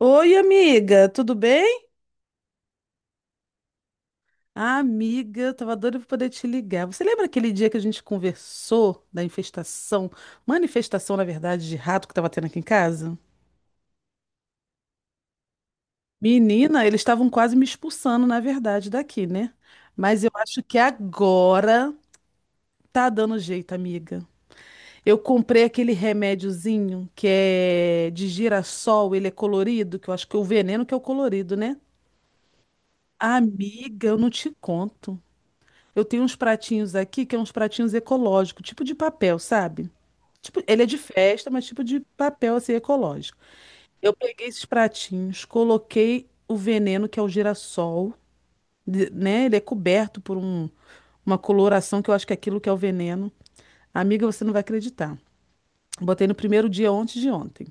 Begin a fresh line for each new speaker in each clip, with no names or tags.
Oi, amiga, tudo bem? Ah, amiga, eu tava doida pra poder te ligar. Você lembra aquele dia que a gente conversou da infestação, manifestação, na verdade, de rato que tava tendo aqui em casa? Menina, eles estavam quase me expulsando, na verdade, daqui, né? Mas eu acho que agora tá dando jeito, amiga. Eu comprei aquele remédiozinho que é de girassol, ele é colorido, que eu acho que é o veneno que é o colorido, né? Amiga, eu não te conto. Eu tenho uns pratinhos aqui que é uns pratinhos ecológicos, tipo de papel, sabe? Tipo, ele é de festa, mas tipo de papel assim ecológico. Eu peguei esses pratinhos, coloquei o veneno que é o girassol, né? Ele é coberto por uma coloração que eu acho que é aquilo que é o veneno. Amiga, você não vai acreditar. Botei no primeiro dia antes de ontem.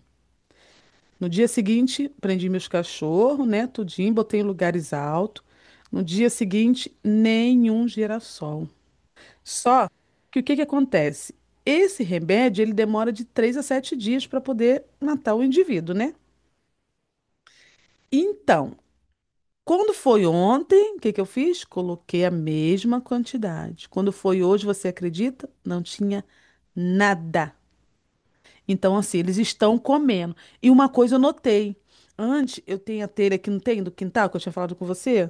No dia seguinte, prendi meus cachorros, né? Tudinho, botei em lugares altos. No dia seguinte, nenhum girassol. Só que o que que acontece? Esse remédio, ele demora de 3 a 7 dias para poder matar o indivíduo, né? Então, quando foi ontem, o que que eu fiz? Coloquei a mesma quantidade. Quando foi hoje, você acredita? Não tinha nada. Então, assim, eles estão comendo. E uma coisa eu notei. Antes, eu tenho a telha que não tem do quintal, que eu tinha falado com você.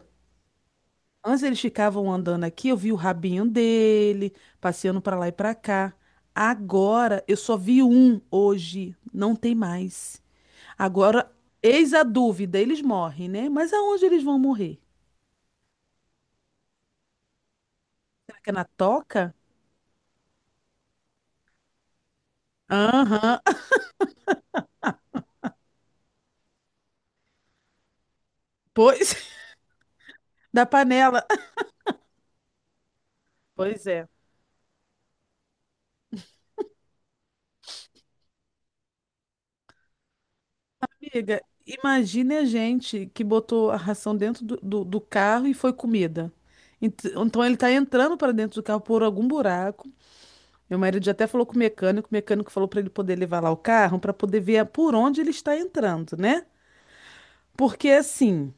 Antes eles ficavam andando aqui, eu vi o rabinho dele, passeando pra lá e pra cá. Agora eu só vi um hoje, não tem mais. Agora, eis a dúvida, eles morrem, né? Mas aonde eles vão morrer? Será que é na toca? Aham, pois, da panela. Pois é. Amiga, imagine a gente que botou a ração dentro do carro e foi comida. Então ele tá entrando para dentro do carro por algum buraco. Meu marido já até falou com o mecânico falou para ele poder levar lá o carro para poder ver por onde ele está entrando, né? Porque assim,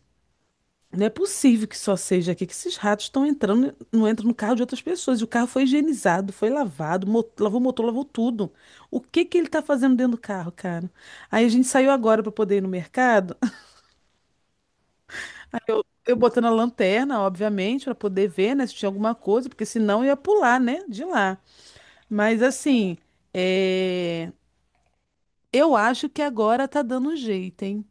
não é possível que só seja aqui que esses ratos estão entrando, não entram no carro de outras pessoas. E o carro foi higienizado, foi lavado, lavou o motor, lavou tudo. O que que ele está fazendo dentro do carro, cara? Aí a gente saiu agora para poder ir no mercado. Eu botando a lanterna, obviamente, para poder ver, né, se tinha alguma coisa, porque senão eu ia pular, né, de lá. Mas assim, é... eu acho que agora tá dando jeito, hein?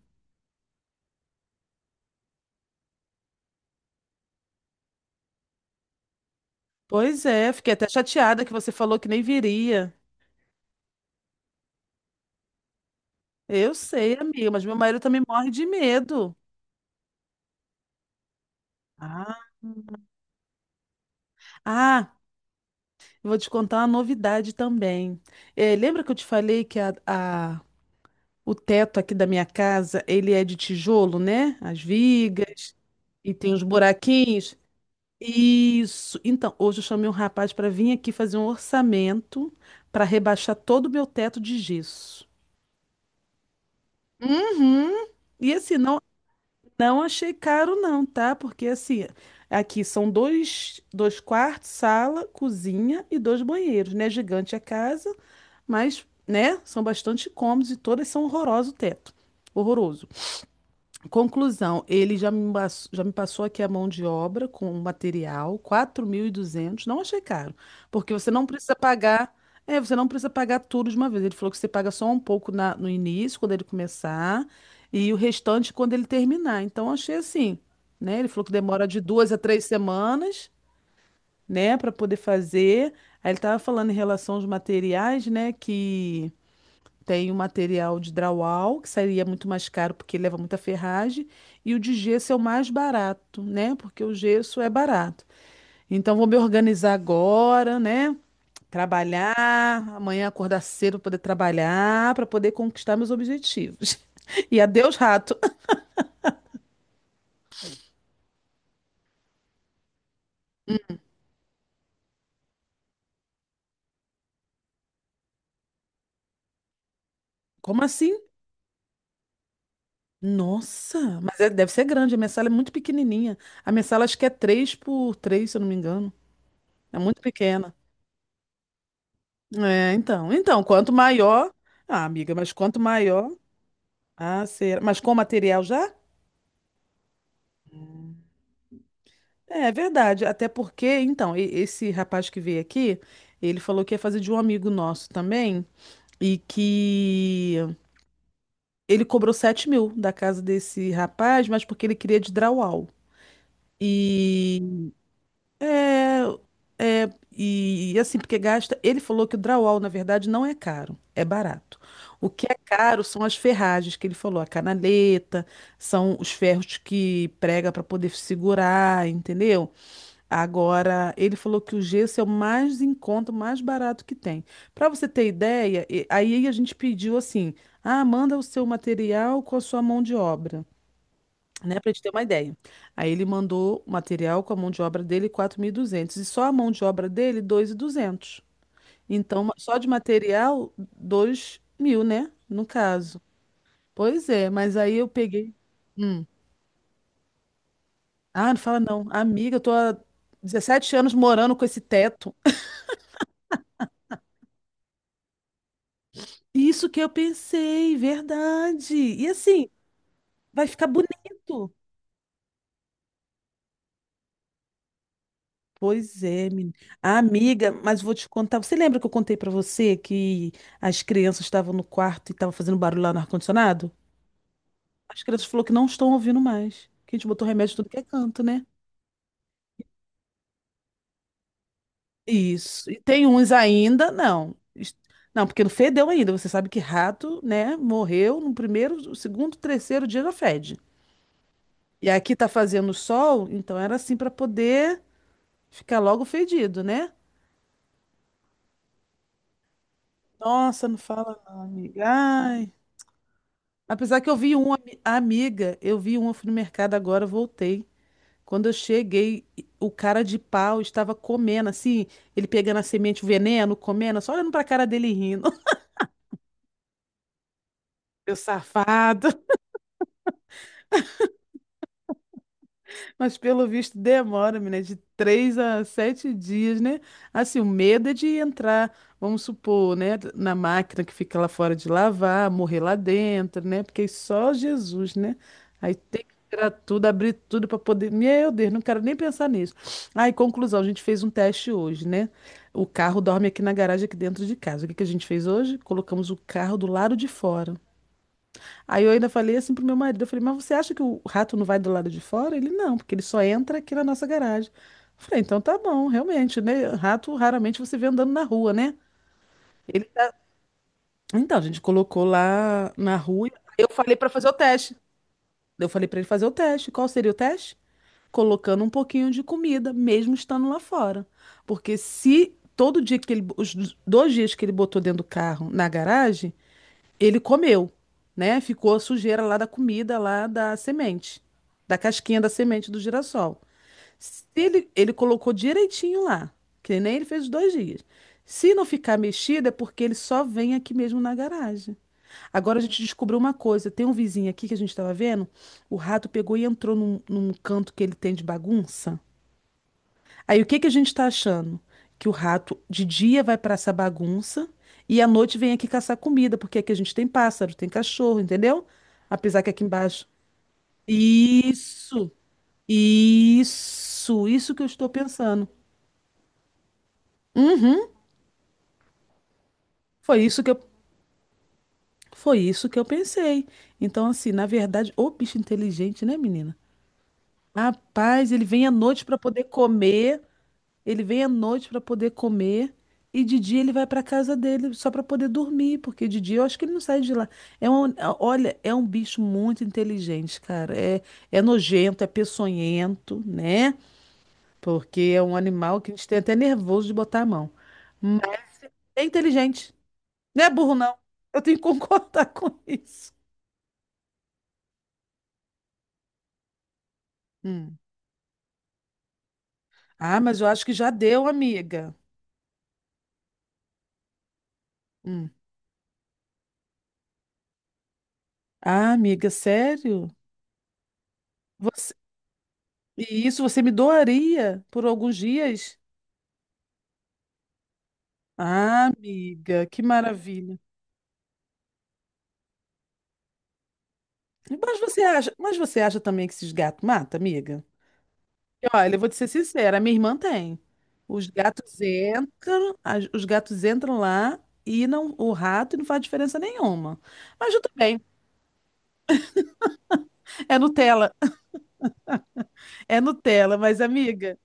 Pois é, fiquei até chateada que você falou que nem viria. Eu sei, amiga, mas meu marido também morre de medo. Ah, ah, eu vou te contar uma novidade também. Lembra que eu te falei que o teto aqui da minha casa, ele é de tijolo, né? As vigas e tem os buraquinhos. Isso. Então, hoje eu chamei um rapaz para vir aqui fazer um orçamento para rebaixar todo o meu teto de gesso. Uhum. E assim, não achei caro não, tá? Porque assim, aqui são dois quartos, sala, cozinha e dois banheiros, né? Gigante a casa, mas, né, são bastante cômodos e todas são horroroso o teto. Horroroso. Conclusão, ele já me, mas- já me passou aqui a mão de obra com o material, 4.200, não achei caro, porque você não precisa pagar, você não precisa pagar tudo de uma vez. Ele falou que você paga só um pouco no início, quando ele começar, e o restante quando ele terminar. Então achei assim, né? Ele falou que demora de 2 a 3 semanas, né, para poder fazer. Aí ele estava falando em relação aos materiais, né, que tem o material de drywall, que seria muito mais caro porque leva muita ferragem, e o de gesso é o mais barato, né? Porque o gesso é barato. Então vou me organizar agora, né? Trabalhar, amanhã acordar cedo para poder trabalhar, para poder conquistar meus objetivos. E adeus, rato. Como assim? Nossa, mas deve ser grande. A minha sala é muito pequenininha. A minha sala acho que é 3 por 3 se eu não me engano. É muito pequena. É, então. Então, quanto maior. Ah, amiga, mas quanto maior. Ah, será? Mas com material já? É, é verdade. Até porque, então, esse rapaz que veio aqui, ele falou que ia fazer de um amigo nosso também e que ele cobrou 7.000 da casa desse rapaz, mas porque ele queria de drywall. E é, e assim, porque gasta. Ele falou que o drywall, na verdade, não é caro, é barato. O que é caro são as ferragens que ele falou, a canaleta, são os ferros que prega para poder segurar, entendeu? Agora, ele falou que o gesso é o mais em conta, o mais barato que tem. Para você ter ideia, aí a gente pediu assim: ah, manda o seu material com a sua mão de obra, né? Para gente ter uma ideia. Aí ele mandou o material com a mão de obra dele, 4.200 e duzentos, e só a mão de obra dele 2.200. Então, só de material, 2.000, né? No caso. Pois é, mas aí eu peguei. Hum. Ah, não fala não. Amiga, eu tô há 17 anos morando com esse teto. Isso que eu pensei, verdade. E assim, vai ficar bonito. Pois é, menina. Amiga, mas vou te contar. Você lembra que eu contei pra você que as crianças estavam no quarto e estavam fazendo barulho lá no ar-condicionado? As crianças falaram que não estão ouvindo mais. Que a gente botou remédio em tudo que é canto, né? Isso. E tem uns ainda, não. Não, porque não fedeu ainda. Você sabe que rato, né, morreu no primeiro, segundo, terceiro dia já fede. E aqui tá fazendo sol, então era assim pra poder. Fica logo fedido, né? Nossa, não fala não, amiga. Ai, apesar que eu vi uma, fui no mercado agora, voltei. Quando eu cheguei, o cara de pau estava comendo, assim, ele pegando a semente, o veneno, comendo, só olhando pra cara dele e rindo. Meu safado. Mas pelo visto demora, menina, de 3 a 7 dias, né? Assim, o medo é de entrar, vamos supor, né, na máquina que fica lá fora de lavar, morrer lá dentro, né? Porque é só Jesus, né? Aí tem que tirar tudo, abrir tudo para poder. Meu Deus, não quero nem pensar nisso. Aí, conclusão, a gente fez um teste hoje, né? O carro dorme aqui na garagem, aqui dentro de casa. O que que a gente fez hoje? Colocamos o carro do lado de fora. Aí eu ainda falei assim pro meu marido, eu falei, mas você acha que o rato não vai do lado de fora? Ele, não, porque ele só entra aqui na nossa garagem. Eu falei, então tá bom, realmente, né? Rato raramente você vê andando na rua, né? Ele, então, a gente colocou lá na rua. Eu falei pra fazer o teste. Eu falei pra ele fazer o teste. Qual seria o teste? Colocando um pouquinho de comida, mesmo estando lá fora. Porque se todo dia que ele, os 2 dias que ele botou dentro do carro na garagem, ele comeu, né? Ficou a sujeira lá da comida, lá da semente, da casquinha da semente do girassol. Se ele colocou direitinho lá, que nem ele fez os 2 dias. Se não ficar mexido, é porque ele só vem aqui mesmo na garagem. Agora a gente descobriu uma coisa: tem um vizinho aqui que a gente estava vendo, o rato pegou e entrou num canto que ele tem de bagunça. Aí o que que a gente está achando? Que o rato de dia vai para essa bagunça e à noite vem aqui caçar comida, porque aqui a gente tem pássaro, tem cachorro, entendeu? Apesar que aqui embaixo. Isso, isso que eu estou pensando. Uhum, foi isso que eu, foi isso que eu pensei. Então, assim, na verdade, ô bicho inteligente, né, menina? Rapaz, ele vem à noite para poder comer. Ele vem à noite para poder comer E de dia ele vai para casa dele só para poder dormir, porque de dia eu acho que ele não sai de lá. É um, é, Olha, é um bicho muito inteligente, cara. É, é nojento, é peçonhento, né? Porque é um animal que a gente tem até nervoso de botar a mão. Mas é inteligente. Não é burro, não. Eu tenho que concordar com isso. Hum. Ah, mas eu acho que já deu, amiga. Hum. Ah, amiga, sério? Você... E isso você me doaria por alguns dias? Ah, amiga, que maravilha. Mas você acha também que esses gatos matam, amiga? E olha, eu vou te ser sincera, a minha irmã tem. Os gatos entram, os gatos entram lá e não, o rato não faz diferença nenhuma. Mas tudo bem, é Nutella, é Nutella, mas amiga.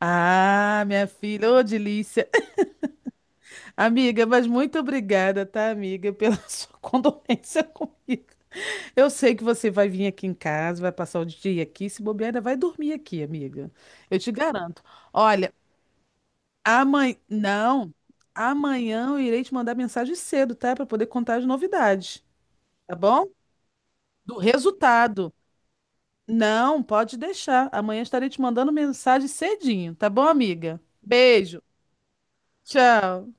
Ah, minha filha, ô delícia. Amiga, mas muito obrigada, tá, amiga, pela sua condolência comigo. Eu sei que você vai vir aqui em casa, vai passar o dia aqui, se bobear, ainda vai dormir aqui, amiga. Eu te garanto. Olha, amanhã. Não, amanhã eu irei te mandar mensagem cedo, tá? Para poder contar as novidades, tá bom? Do resultado. Não, pode deixar. Amanhã estarei te mandando mensagem cedinho, tá bom, amiga? Beijo. Tchau.